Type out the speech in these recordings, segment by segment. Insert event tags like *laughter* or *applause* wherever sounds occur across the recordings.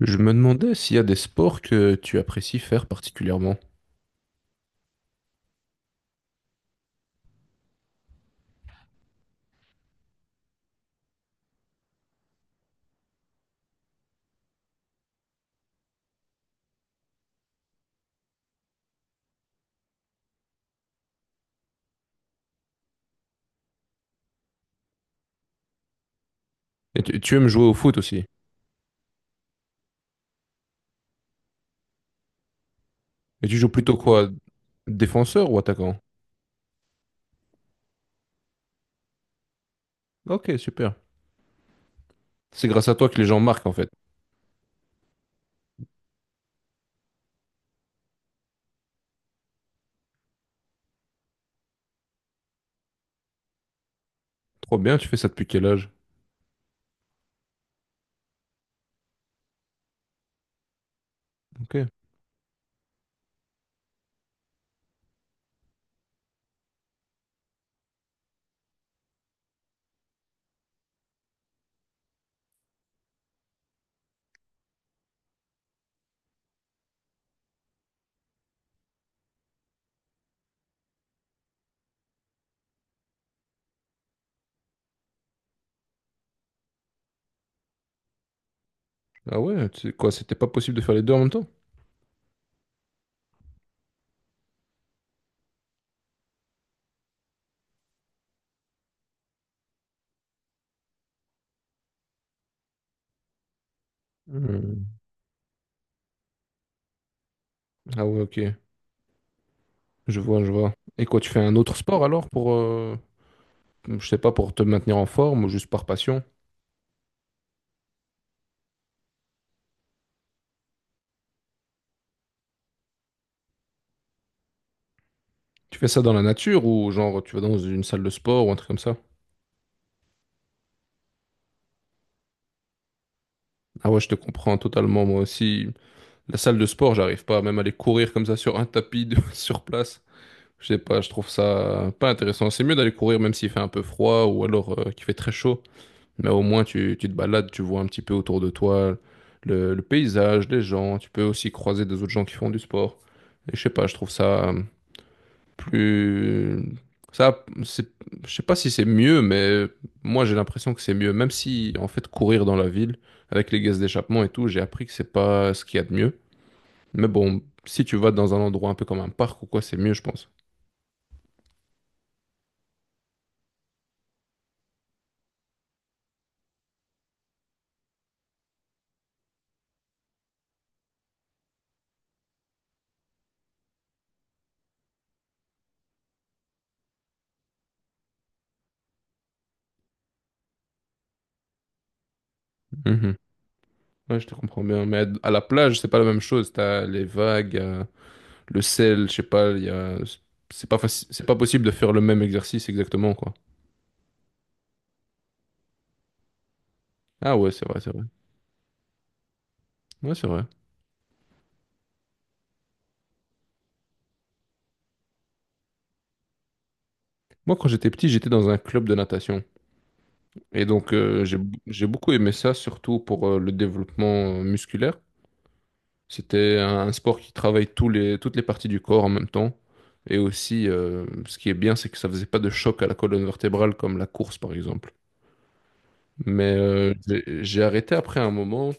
Je me demandais s'il y a des sports que tu apprécies faire particulièrement. Et tu aimes jouer au foot aussi. Et tu joues plutôt quoi? Défenseur ou attaquant? Ok, super. C'est grâce à toi que les gens marquent en fait. Trop bien, tu fais ça depuis quel âge? Ok. Ah ouais, quoi, c'était pas possible de faire les deux en même temps? Hmm. Ah ouais, ok. Je vois, je vois. Et quoi, tu fais un autre sport alors pour, je sais pas, pour te maintenir en forme ou juste par passion? Tu fais ça dans la nature ou genre tu vas dans une salle de sport ou un truc comme ça? Ah ouais, je te comprends totalement moi aussi. La salle de sport, j'arrive pas même à aller courir comme ça sur un tapis *laughs* sur place. Je sais pas, je trouve ça pas intéressant. C'est mieux d'aller courir même s'il fait un peu froid ou alors qu'il fait très chaud. Mais au moins tu te balades, tu vois un petit peu autour de toi le paysage, les gens. Tu peux aussi croiser des autres gens qui font du sport. Et je sais pas, je trouve ça plus. Ça, c'est. Je sais pas si c'est mieux, mais moi j'ai l'impression que c'est mieux. Même si en fait courir dans la ville avec les gaz d'échappement et tout, j'ai appris que c'est pas ce qu'il y a de mieux. Mais bon, si tu vas dans un endroit un peu comme un parc ou quoi, c'est mieux, je pense. Mhm. Ouais, je te comprends bien. Mais à la plage, c'est pas la même chose. T'as les vagues, le sel, je sais pas, il y a. C'est pas c'est pas possible de faire le même exercice exactement, quoi. Ah ouais, c'est vrai, c'est vrai. Ouais, c'est vrai. Moi, quand j'étais petit, j'étais dans un club de natation. Et donc, j'ai beaucoup aimé ça, surtout pour le développement musculaire. C'était un sport qui travaille toutes les parties du corps en même temps. Et aussi, ce qui est bien, c'est que ça faisait pas de choc à la colonne vertébrale comme la course, par exemple. Mais j'ai arrêté après un moment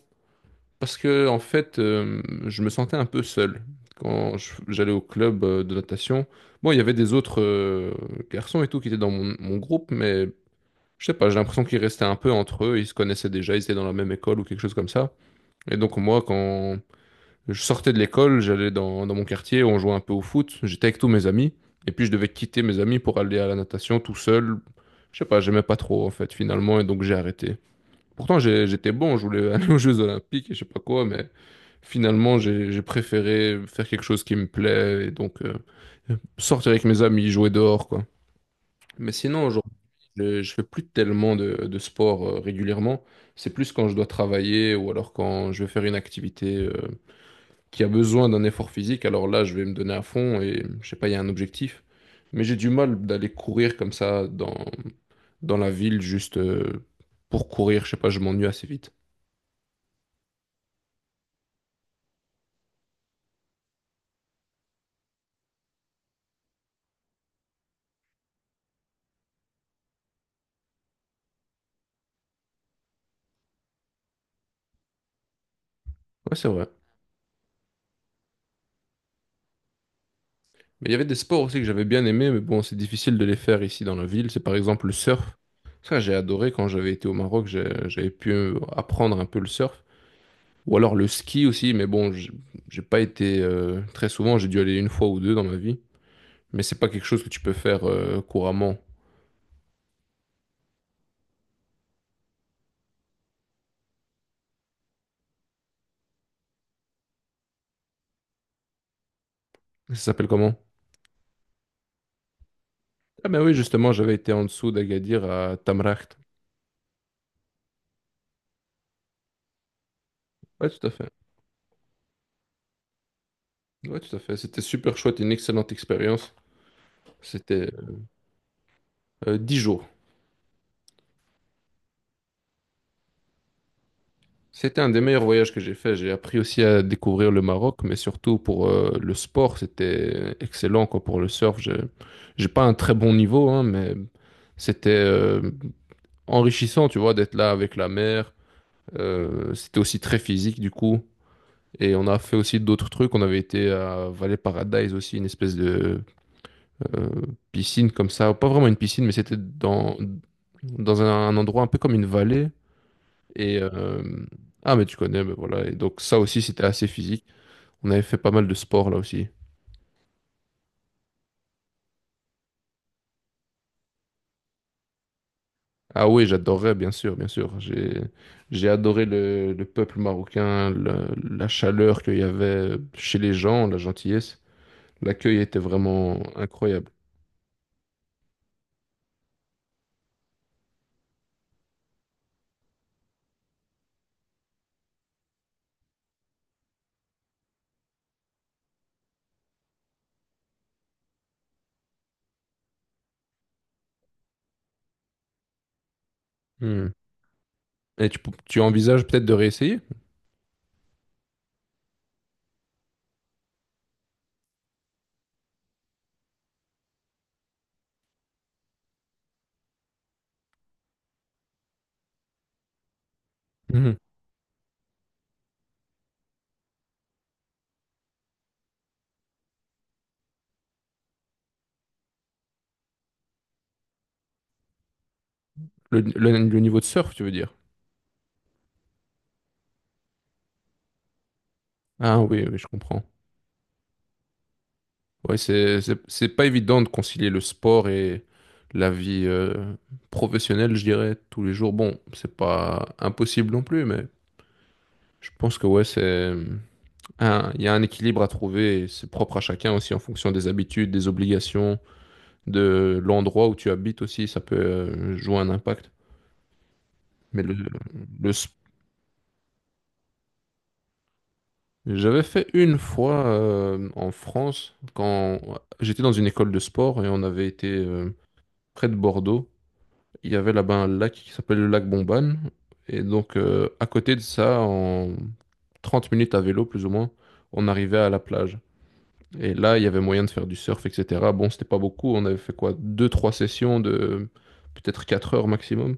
parce que, en fait, je me sentais un peu seul. Quand j'allais au club de natation, bon, il y avait des autres garçons et tout qui étaient dans mon groupe, mais je sais pas, j'ai l'impression qu'ils restaient un peu entre eux, ils se connaissaient déjà, ils étaient dans la même école ou quelque chose comme ça. Et donc, moi, quand je sortais de l'école, j'allais dans mon quartier, on jouait un peu au foot, j'étais avec tous mes amis, et puis je devais quitter mes amis pour aller à la natation tout seul. Je sais pas, j'aimais pas trop en fait finalement, et donc j'ai arrêté. Pourtant j'étais bon, je voulais *laughs* aller aux Jeux Olympiques et je sais pas quoi, mais finalement j'ai préféré faire quelque chose qui me plaît, et donc sortir avec mes amis, jouer dehors, quoi. Mais sinon aujourd'hui je fais plus tellement de sport régulièrement, c'est plus quand je dois travailler ou alors quand je vais faire une activité qui a besoin d'un effort physique, alors là, je vais me donner à fond et je sais pas, il y a un objectif. Mais j'ai du mal d'aller courir comme ça dans la ville juste pour courir. Je sais pas, je m'ennuie assez vite. Ouais, c'est vrai. Mais il y avait des sports aussi que j'avais bien aimés, mais bon, c'est difficile de les faire ici dans la ville. C'est par exemple le surf. Ça, j'ai adoré quand j'avais été au Maroc, j'avais pu apprendre un peu le surf. Ou alors le ski aussi, mais bon, j'ai pas été très souvent. J'ai dû aller une fois ou deux dans ma vie. Mais c'est pas quelque chose que tu peux faire couramment. Ça s'appelle comment? Ah ben oui, justement, j'avais été en dessous d'Agadir à Tamraght. Ouais, tout à fait. Ouais, tout à fait. C'était super chouette, une excellente expérience. C'était 10 jours. C'était un des meilleurs voyages que j'ai fait. J'ai appris aussi à découvrir le Maroc, mais surtout pour le sport, c'était excellent quoi, pour le surf. J'ai pas un très bon niveau, hein, mais c'était enrichissant, tu vois, d'être là avec la mer. C'était aussi très physique du coup. Et on a fait aussi d'autres trucs. On avait été à Valley Paradise aussi, une espèce de euh, piscine comme ça, pas vraiment une piscine, mais c'était dans un endroit un peu comme une vallée. Et ah, mais tu connais, mais voilà. Et donc ça aussi, c'était assez physique. On avait fait pas mal de sport là aussi. Ah oui, j'adorais, bien sûr, bien sûr. J'ai adoré le peuple marocain, la chaleur qu'il y avait chez les gens, la gentillesse. L'accueil était vraiment incroyable. Hmm. Et tu envisages peut-être de réessayer? Mhm. Le niveau de surf, tu veux dire? Ah oui, oui, je comprends. Ouais, c'est pas évident de concilier le sport et la vie professionnelle, je dirais, tous les jours. Bon, c'est pas impossible non plus, mais je pense que ouais, c'est il y a un équilibre à trouver et c'est propre à chacun aussi en fonction des habitudes, des obligations, de l'endroit où tu habites aussi, ça peut jouer un impact. Mais le sp- j'avais fait une fois en France quand j'étais dans une école de sport et on avait été près de Bordeaux. Il y avait là-bas un lac qui s'appelle le lac Bomban. Et donc, à côté de ça, en 30 minutes à vélo, plus ou moins, on arrivait à la plage. Et là, il y avait moyen de faire du surf, etc. Bon, c'était pas beaucoup. On avait fait quoi? Deux, trois sessions de peut-être 4 heures maximum.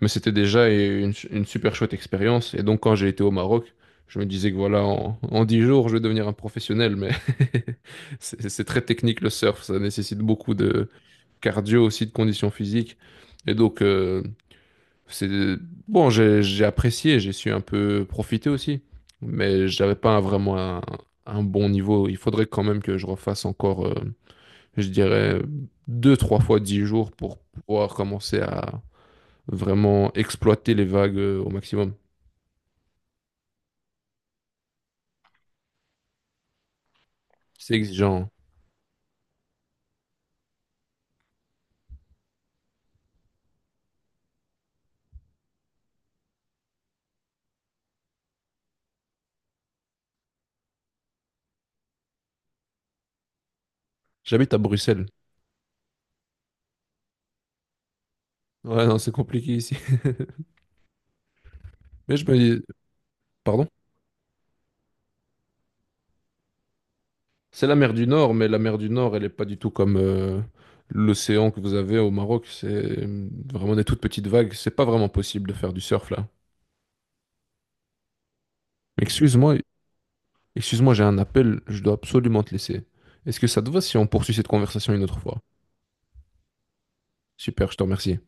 Mais c'était déjà une super chouette expérience. Et donc, quand j'ai été au Maroc, je me disais que voilà, en 10 jours, je vais devenir un professionnel. Mais *laughs* c'est très technique le surf. Ça nécessite beaucoup de cardio aussi, de conditions physiques. Et donc, c'est bon, j'ai apprécié, j'ai su un peu profiter aussi, mais j'avais pas vraiment un bon niveau. Il faudrait quand même que je refasse encore, je dirais, deux, trois fois 10 jours pour pouvoir commencer à vraiment exploiter les vagues au maximum. C'est exigeant, hein. J'habite à Bruxelles. Ouais, non, c'est compliqué ici. *laughs* Mais je me dis, pardon? C'est la mer du Nord, mais la mer du Nord, elle n'est pas du tout comme l'océan que vous avez au Maroc. C'est vraiment des toutes petites vagues. C'est pas vraiment possible de faire du surf là. Excuse-moi, excuse-moi, j'ai un appel. Je dois absolument te laisser. Est-ce que ça te va si on poursuit cette conversation une autre fois? Super, je te remercie.